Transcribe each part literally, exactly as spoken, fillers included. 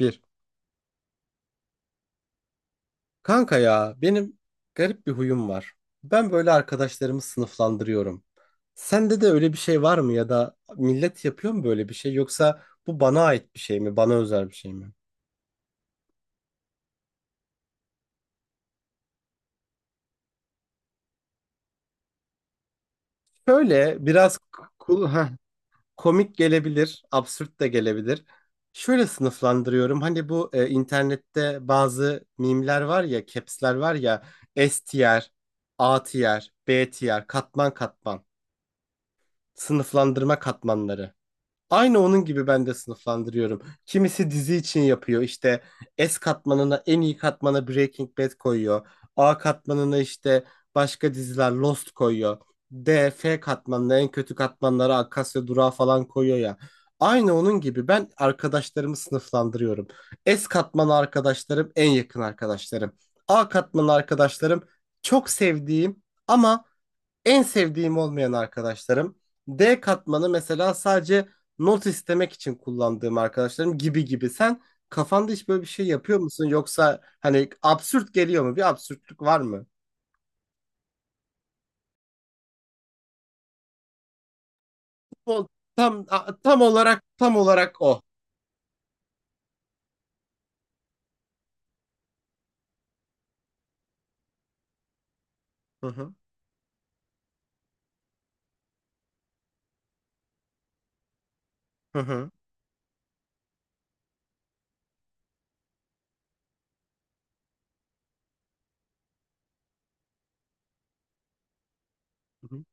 Bir. Kanka ya benim garip bir huyum var. Ben böyle arkadaşlarımı sınıflandırıyorum. Sende de öyle bir şey var mı, ya da millet yapıyor mu böyle bir şey, yoksa bu bana ait bir şey mi? Bana özel bir şey mi? Şöyle biraz cool- heh, komik gelebilir, absürt de gelebilir. Şöyle sınıflandırıyorum. Hani bu e, internette bazı mimler var ya, caps'ler var ya, S tier, A tier, B tier, katman katman, sınıflandırma katmanları. Aynı onun gibi ben de sınıflandırıyorum. Kimisi dizi için yapıyor. İşte S katmanına, en iyi katmana, Breaking Bad koyuyor. A katmanına işte başka diziler, Lost koyuyor. D, F katmanına, en kötü katmanlara, Akasya Durağı falan koyuyor ya. Aynı onun gibi ben arkadaşlarımı sınıflandırıyorum. S katmanı arkadaşlarım en yakın arkadaşlarım. A katmanı arkadaşlarım çok sevdiğim ama en sevdiğim olmayan arkadaşlarım. D katmanı mesela sadece not istemek için kullandığım arkadaşlarım gibi gibi. Sen kafanda hiç böyle bir şey yapıyor musun? Yoksa hani absürt geliyor mu? Bir absürtlük var mı? O tam a- tam olarak tam olarak o. Hı hı. Hı hı. Hı hı.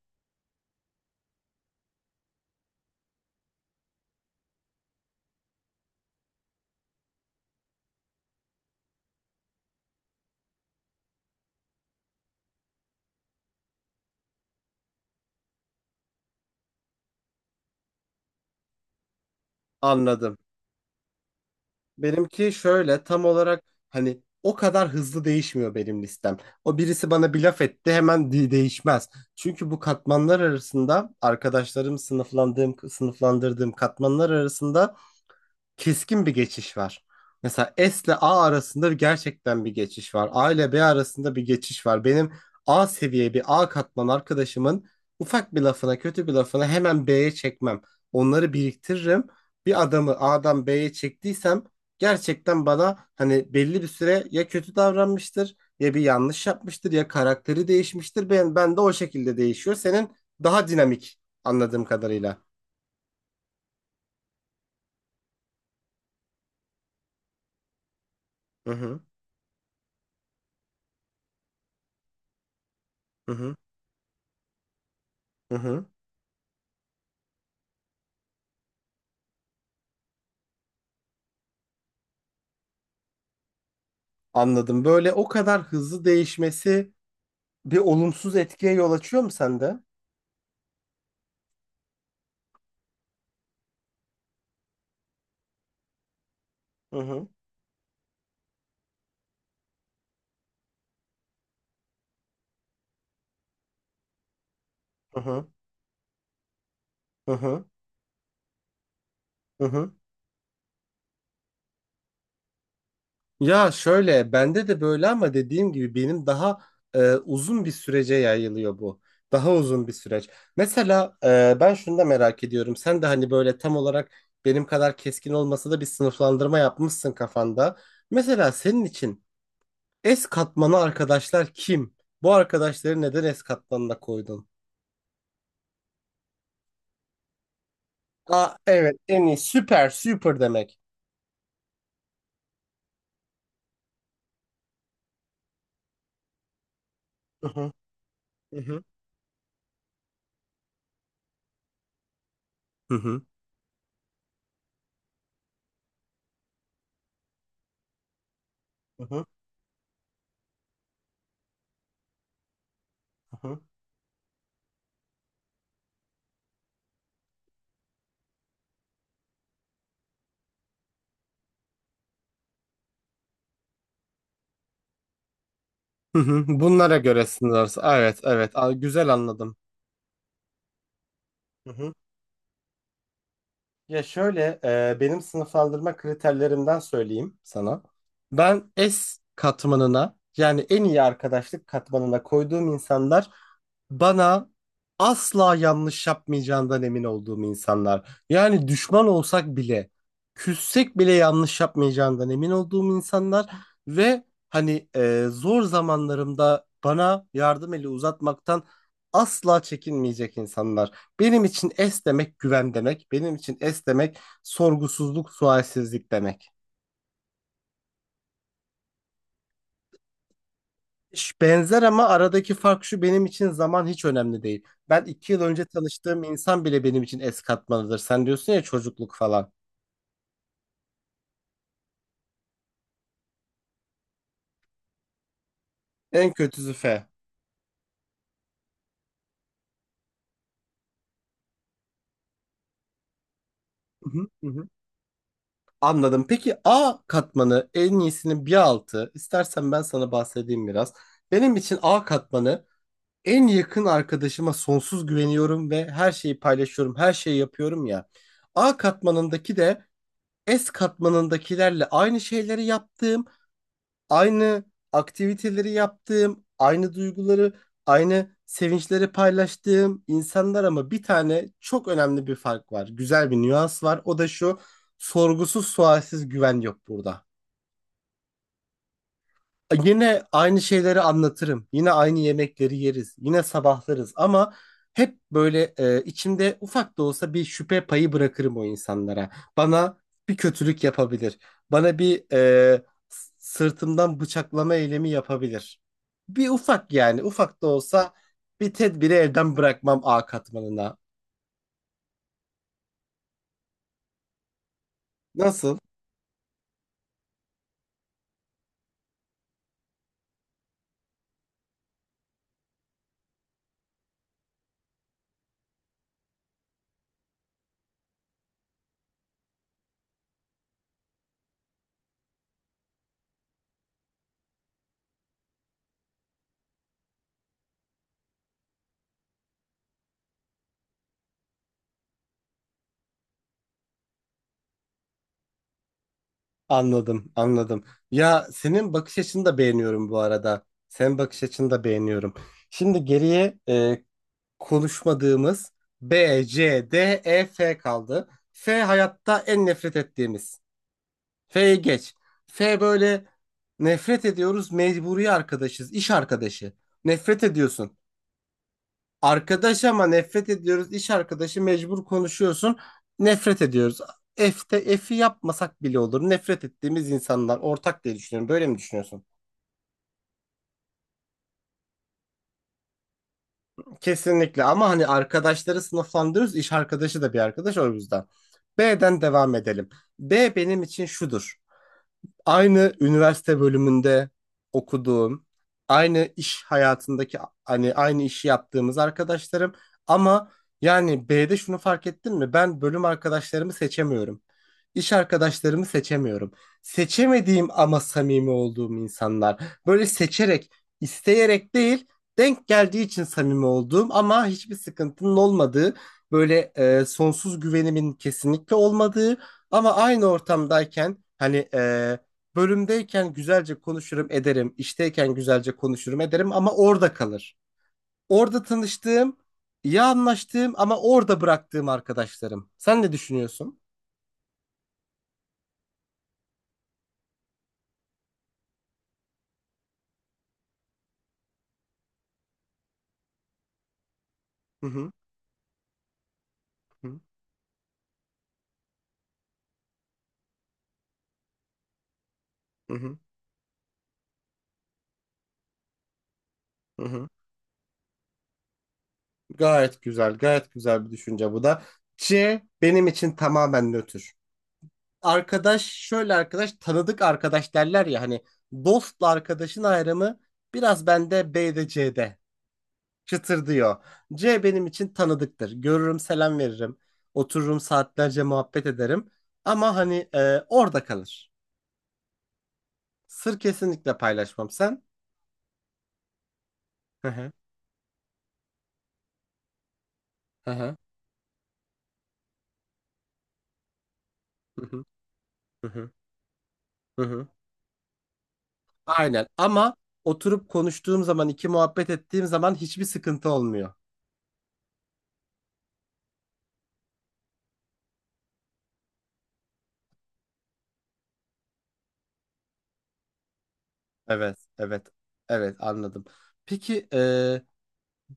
Anladım. Benimki şöyle tam olarak, hani o kadar hızlı değişmiyor benim listem. O birisi bana bir laf etti hemen de- değişmez. Çünkü bu katmanlar arasında, arkadaşlarım sınıflandığım sınıflandırdığım katmanlar arasında keskin bir geçiş var. Mesela S ile A arasında bir- gerçekten bir geçiş var. A ile B arasında bir geçiş var. Benim A seviye bir A katman arkadaşımın ufak bir lafına, kötü bir lafına hemen B'ye çekmem. Onları biriktiririm. Bir adamı A'dan B'ye çektiysem gerçekten bana hani belli bir süre ya kötü davranmıştır, ya bir yanlış yapmıştır, ya karakteri değişmiştir. Ben, ben de o şekilde değişiyor. Senin daha dinamik anladığım kadarıyla. Hı hı, hı hı, hı hı. Anladım. Böyle o kadar hızlı değişmesi bir olumsuz etkiye yol açıyor mu sende? Hı hı, hı hı, hı hı, hı hı. Ya şöyle, bende de böyle ama dediğim gibi benim daha e, uzun bir sürece yayılıyor bu. Daha uzun bir süreç. Mesela e, ben şunu da merak ediyorum. Sen de hani böyle tam olarak benim kadar keskin olmasa da bir sınıflandırma yapmışsın kafanda. Mesela senin için S katmanı arkadaşlar kim? Bu arkadaşları neden S katmanına koydun? Aa, evet, en iyi, süper super demek. Hı hı, hı, hı, hı. Hı hı, hı hı, hı hı. Bunlara göre sınırlarız. Evet, evet. Aa, güzel, anladım. Ya şöyle, e, benim sınıflandırma kriterlerimden söyleyeyim sana. Ben S katmanına, yani en iyi arkadaşlık katmanına koyduğum insanlar, bana asla yanlış yapmayacağından emin olduğum insanlar. Yani düşman olsak bile, küssek bile yanlış yapmayacağından emin olduğum insanlar ve hani e, zor zamanlarımda bana yardım eli uzatmaktan asla çekinmeyecek insanlar. Benim için es demek güven demek. Benim için es demek sorgusuzluk, sualsizlik demek. Ş- Benzer ama aradaki fark şu, benim için zaman hiç önemli değil. Ben iki yıl önce tanıştığım insan bile benim için es katmanıdır. Sen diyorsun ya çocukluk falan. En kötüsü F. Hı hı, hı hı. Anladım. Peki A katmanı en iyisinin bir altı. İstersen ben sana bahsedeyim biraz. Benim için A katmanı, en yakın arkadaşıma sonsuz güveniyorum ve her şeyi paylaşıyorum, her şeyi yapıyorum ya. A katmanındaki de S katmanındakilerle aynı şeyleri yaptığım, aynı aktiviteleri yaptığım, aynı duyguları, aynı sevinçleri paylaştığım insanlar ama bir tane çok önemli bir fark var. Güzel bir nüans var. O da şu, sorgusuz sualsiz güven yok burada. Yine aynı şeyleri anlatırım. Yine aynı yemekleri yeriz. Yine sabahlarız ama hep böyle e, içimde ufak da olsa bir şüphe payı bırakırım o insanlara. Bana bir kötülük yapabilir. Bana bir e, s- sırtımdan bıçaklama eylemi yapabilir. Bir ufak, yani ufak da olsa bir tedbiri elden bırakmam A katmanına. Nasıl? Anladım, anladım. Ya senin bakış açını da beğeniyorum bu arada. Senin bakış açını da beğeniyorum. Şimdi geriye e, konuşmadığımız B, C, D, E, F kaldı. F hayatta en nefret ettiğimiz. F'ye geç. F böyle, nefret ediyoruz, mecburi arkadaşız, iş arkadaşı. Nefret ediyorsun. Arkadaş ama nefret ediyoruz, iş arkadaşı mecbur konuşuyorsun. Nefret ediyoruz. F'te F'i yapmasak bile olur. Nefret ettiğimiz insanlar ortak diye düşünüyorum. Böyle mi düşünüyorsun? Kesinlikle, ama hani arkadaşları sınıflandırıyoruz. İş arkadaşı da bir arkadaş o yüzden. B'den devam edelim. B benim için şudur: aynı üniversite bölümünde okuduğum, aynı iş hayatındaki hani aynı işi yaptığımız arkadaşlarım, ama yani B'de şunu fark ettin mi? Ben bölüm arkadaşlarımı seçemiyorum. İş arkadaşlarımı seçemiyorum. Seçemediğim ama samimi olduğum insanlar. Böyle seçerek, isteyerek değil, denk geldiği için samimi olduğum ama hiçbir sıkıntının olmadığı, böyle e, sonsuz güvenimin kesinlikle olmadığı ama aynı ortamdayken, hani e, bölümdeyken güzelce konuşurum ederim, işteyken güzelce konuşurum ederim ama orada kalır. Orada tanıştığım, iyi anlaştığım ama orada bıraktığım arkadaşlarım. Sen ne düşünüyorsun? Hı hı. Hı hı. Hı hı. Gayet güzel, gayet güzel bir düşünce bu da. C benim için tamamen nötr. Arkadaş, şöyle arkadaş, tanıdık, arkadaş derler ya hani, dostla arkadaşın ayrımı biraz bende B'de, C'de. Çıtır diyor. C benim için tanıdıktır. Görürüm, selam veririm. Otururum saatlerce muhabbet ederim. Ama hani e, orada kalır. Sır kesinlikle paylaşmam sen. Hı hı. Hı hı. Hı hı. Hı hı. Hı hı. Aynen. Ama oturup konuştuğum zaman, iki muhabbet ettiğim zaman hiçbir sıkıntı olmuyor. Evet, evet. Evet, anladım. Peki, e,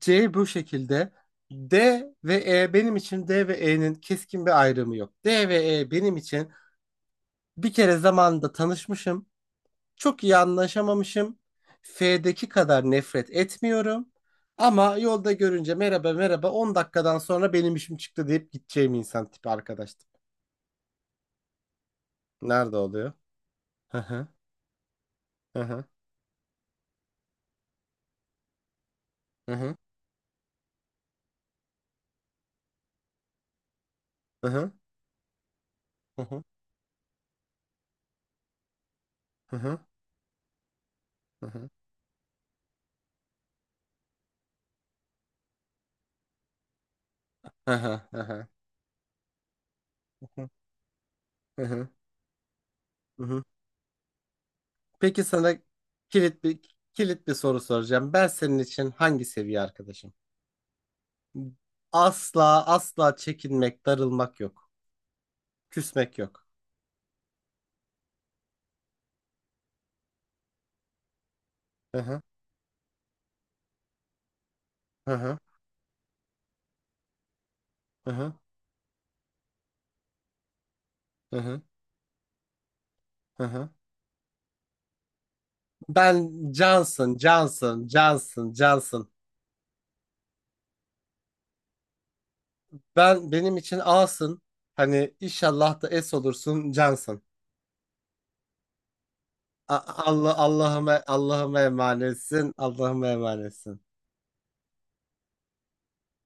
C bu şekilde. D ve E benim için D ve E'nin keskin bir ayrımı yok. D ve E benim için bir kere zamanında tanışmışım. Çok iyi anlaşamamışım. F'deki kadar nefret etmiyorum. Ama yolda görünce, merhaba merhaba, on dakikadan sonra benim işim çıktı deyip gideceğim insan tipi arkadaştım. Nerede oluyor? Hı hı, hı hı, hı hı, hı hı, hı hı, hı hı, hı hı, hı hı, hı hı, hı. Peki sana kilit bir kilit bir soru soracağım. Ben senin için hangi seviye arkadaşım? Asla asla çekinmek, darılmak yok. Küsmek yok. Hı hı. Hı hı. Hı hı. Hı hı. Ben Johnson, Johnson, Johnson, Johnson. Ben benim için A'sın. Hani inşallah da S olursun Johnson. A- Allah Allah'ıma Allah'ıma emanetsin. Allah'ıma emanetsin.